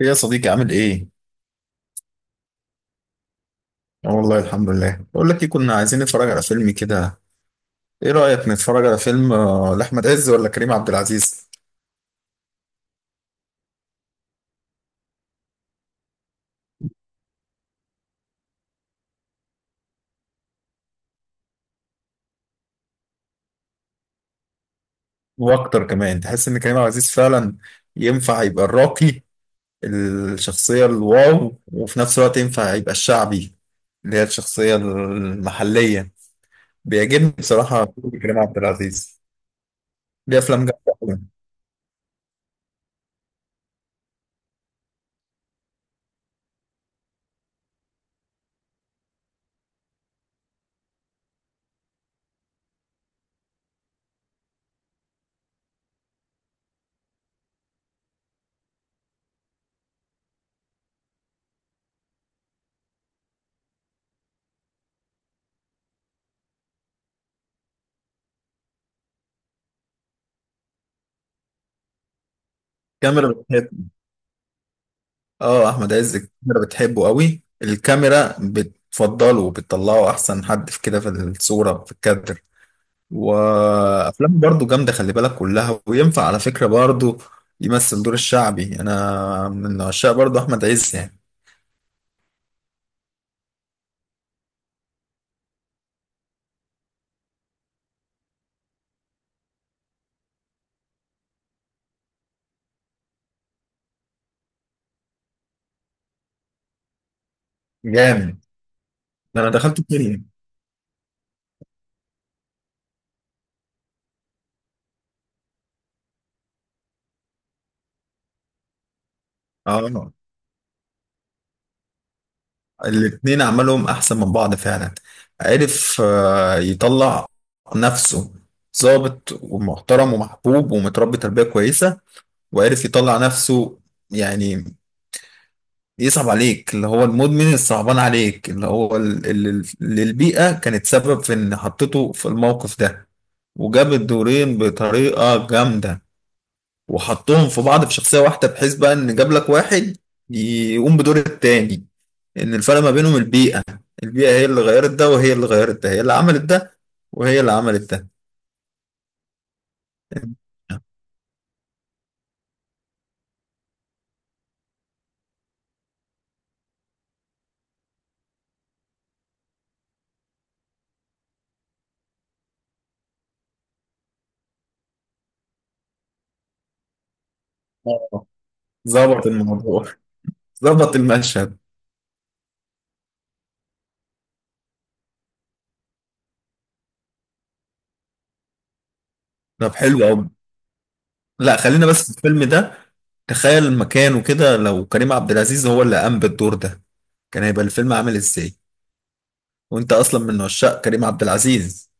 ايه يا صديقي عامل ايه؟ آه والله، الحمد لله. بقول لك ايه، كنا عايزين نتفرج على فيلم كده. ايه رأيك نتفرج على فيلم لأحمد عز ولا كريم عبد العزيز؟ واكتر كمان تحس ان كريم عبد العزيز فعلا ينفع يبقى الراقي. الشخصية الواو، وفي نفس الوقت ينفع يبقى الشعبي، اللي هي الشخصية المحلية. بيعجبني بصراحة كريم عبد العزيز. ليه افلام جامدة أوي. كاميرا. اه، احمد عز الكاميرا بتحبه قوي، الكاميرا بتفضله وبتطلعه احسن حد في كده، في الصورة في الكادر. وافلامه برضو جامدة، خلي بالك كلها. وينفع على فكرة برضو يمثل دور الشعبي. انا من عشاق برضو احمد عز يعني. جامد. ده انا دخلت الدنيا. اه، الاتنين عملهم احسن من بعض فعلا. عرف يطلع نفسه. ظابط ومحترم ومحبوب ومتربي تربية كويسة. وعرف يطلع نفسه يعني يصعب عليك اللي هو المدمن، الصعبان عليك اللي هو اللي البيئة كانت سبب في ان حطيته في الموقف ده. وجاب الدورين بطريقة جامدة، وحطهم في بعض في شخصية واحدة، بحيث بقى ان جاب لك واحد يقوم بدور التاني، ان الفرق ما بينهم البيئة. البيئة هي اللي غيرت ده، وهي اللي غيرت ده، هي اللي عملت ده، وهي اللي عملت ده. آه. ظبط الموضوع، ظبط المشهد. طب، حلو قوي. لا، خلينا بس في الفيلم ده. تخيل مكانه كده، لو كريم عبد العزيز هو اللي قام بالدور ده، كان هيبقى الفيلم عامل ازاي؟ وانت اصلا من عشاق كريم عبد العزيز.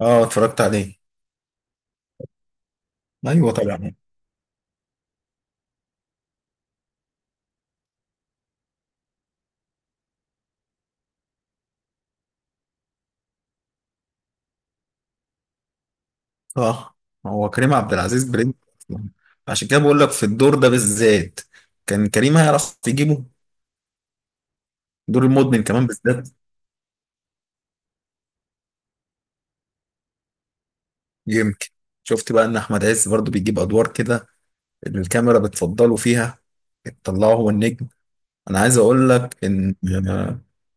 اه، اتفرجت عليه. ايوه، طبعا. اه، هو كريم عبد العزيز برنس أصلاً. عشان كده بقول لك في الدور ده بالذات كان كريم هيعرف يجيبه. دور المدمن كمان بالذات. يمكن. شفت بقى ان احمد عز برضو بيجيب ادوار كده، اللي الكاميرا بتفضله فيها، تطلعه هو النجم. انا عايز اقول لك ان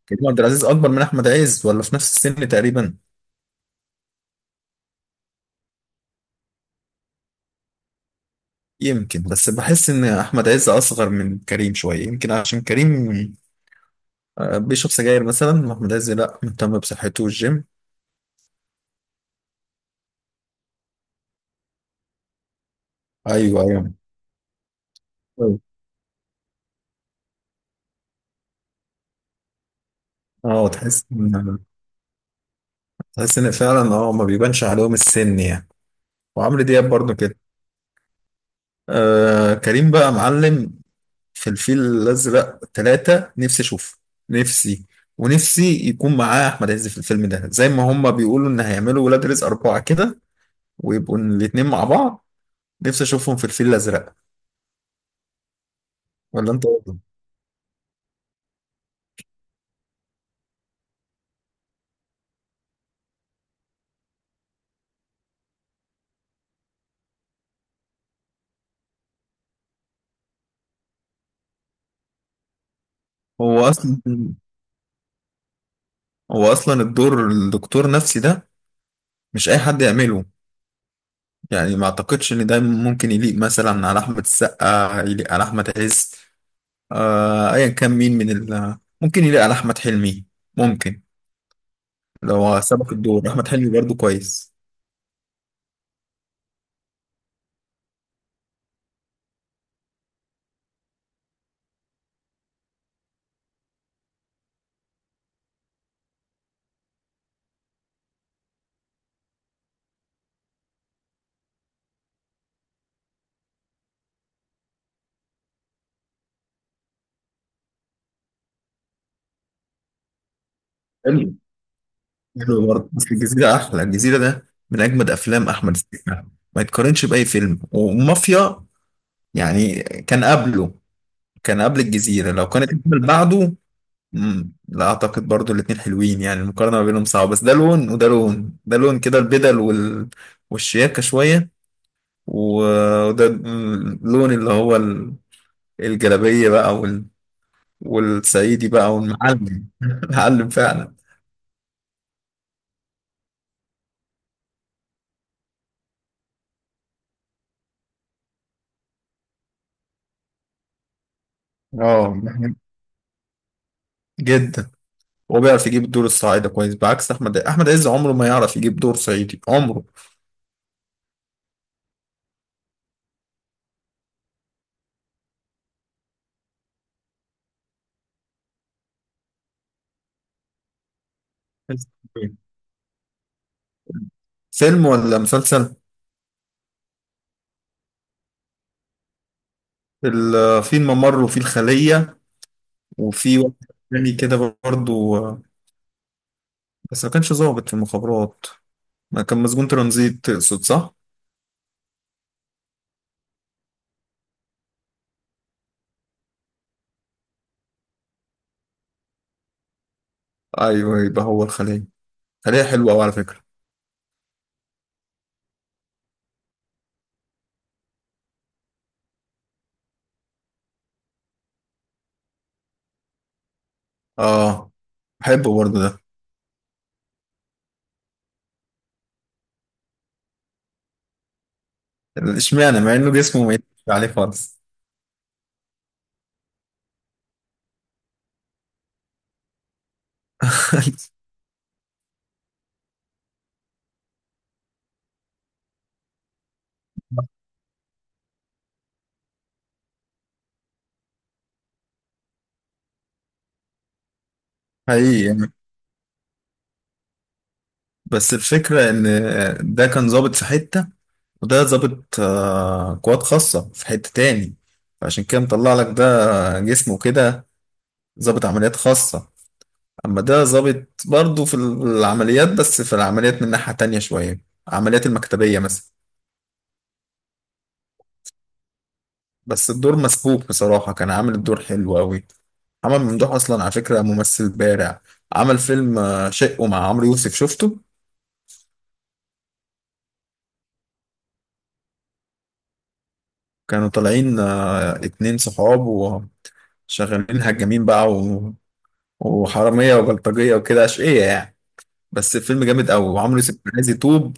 كريم عبد العزيز اكبر من احمد عز ولا في نفس السن تقريبا؟ يمكن، بس بحس ان احمد عز اصغر من كريم شويه، يمكن عشان كريم بيشرب سجاير مثلا، واحمد عز لا، مهتم بصحته والجيم. ايوه، ايوه. أيوة. اه، تحس ان فعلا ما بيبانش عليهم السن يعني. وعمرو دياب برضه كده. آه، كريم بقى معلم في الفيل الأزرق 3، نفسي أشوفه. نفسي. ونفسي يكون معاه أحمد عز في الفيلم ده، زي ما هما بيقولوا إن هيعملوا ولاد رزق 4 كده. ويبقوا الاتنين مع بعض. نفسي أشوفهم في الفيل الأزرق. ولا أنت إيه رأيك؟ هو أصلا. هو أصلا الدور الدكتور نفسي ده مش أي حد يعمله. يعني ما أعتقدش إن ده ممكن يليق مثلا على أحمد السقا، يليق على أحمد عز. آه، أيا كان مين من ال ممكن يليق على أحمد حلمي. ممكن. لو سبق الدور أحمد حلمي برضه كويس. حلو. حلو برضه، بس الجزيرة أحلى. الجزيرة ده من أجمد أفلام أحمد السقا. ما يتقارنش بأي فيلم. ومافيا يعني كان قبله، كان قبل الجزيرة، لو كانت الفيلم بعده. مم. لا أعتقد برضه. الاتنين حلوين يعني، المقارنة ما بينهم صعبة، بس ده لون وده لون، ده لون كده، البدل وال والشياكة شوية. وده اللون اللي هو الجلابية بقى وال والصعيدي بقى والمعلم المعلم فعلا. اه. جدا. هو بيعرف يجيب الدور الصعيدي كويس، بعكس احمد عز عمره ما يعرف يجيب دور صعيدي عمره. فيلم ولا مسلسل؟ في الممر وفي الخلية. وفي واحد تاني كده برضو. بس ما كانش ظابط في المخابرات. ما كان مسجون ترانزيت تقصد، صح؟ أيوه، يبقى هو الخلية. خلية حلوة أوي على فكرة. آه. بحبه برضو ده. اشمعنى مع إنه جسمه ما يتفقش عليه خالص؟ حقيقي يعني، بس الفكرة إن ده كان ظابط في حتة، وده ظابط قوات خاصة في حتة تاني، فعشان كده مطلع لك ده جسمه كده ظابط عمليات خاصة. أما ده ظابط برضه في العمليات، بس في العمليات من ناحية تانية شوية. العمليات المكتبية مثلا. بس الدور مسبوك بصراحة، كان عامل الدور حلو أوي. محمد ممدوح أصلا على فكرة ممثل بارع. عمل فيلم شقه مع عمرو يوسف، شفته؟ كانوا طالعين اتنين صحاب وشغالين. هجامين بقى وحرامية وبلطجية وكده أشقية يعني. بس الفيلم جامد قوي، وعمرو يوسف عايز يتوب.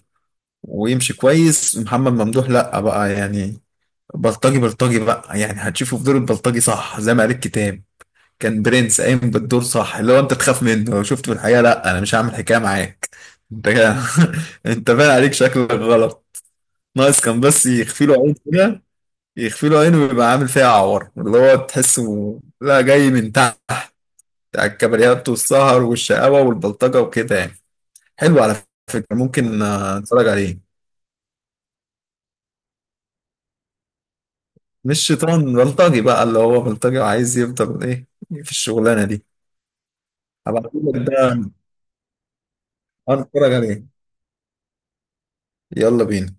ويمشي كويس، محمد ممدوح لا بقى يعني. بلطجي بلطجي بقى، يعني هتشوفه في دور البلطجي صح، زي ما قال الكتاب. كان برنس قايم بالدور صح، اللي هو انت تخاف منه لو شفته في الحقيقه، لا انا مش هعمل حكايه معاك. انت كده. انت باين عليك شكلك غلط. ناقص كان بس يخفي له عين كده. يخفي له عين ويبقى عامل فيها عور، اللي هو تحسه لا، جاي من تحت. على الكباريات والسهر والشقاوه والبلطجه وكده يعني. حلو على فكرة، ممكن نتفرج عليه. مش شيطان، بلطجي بقى، اللي هو بلطجي وعايز يفضل ايه في الشغلانة دي. هبعتهولك ده. نتفرج عليه. يلا بينا.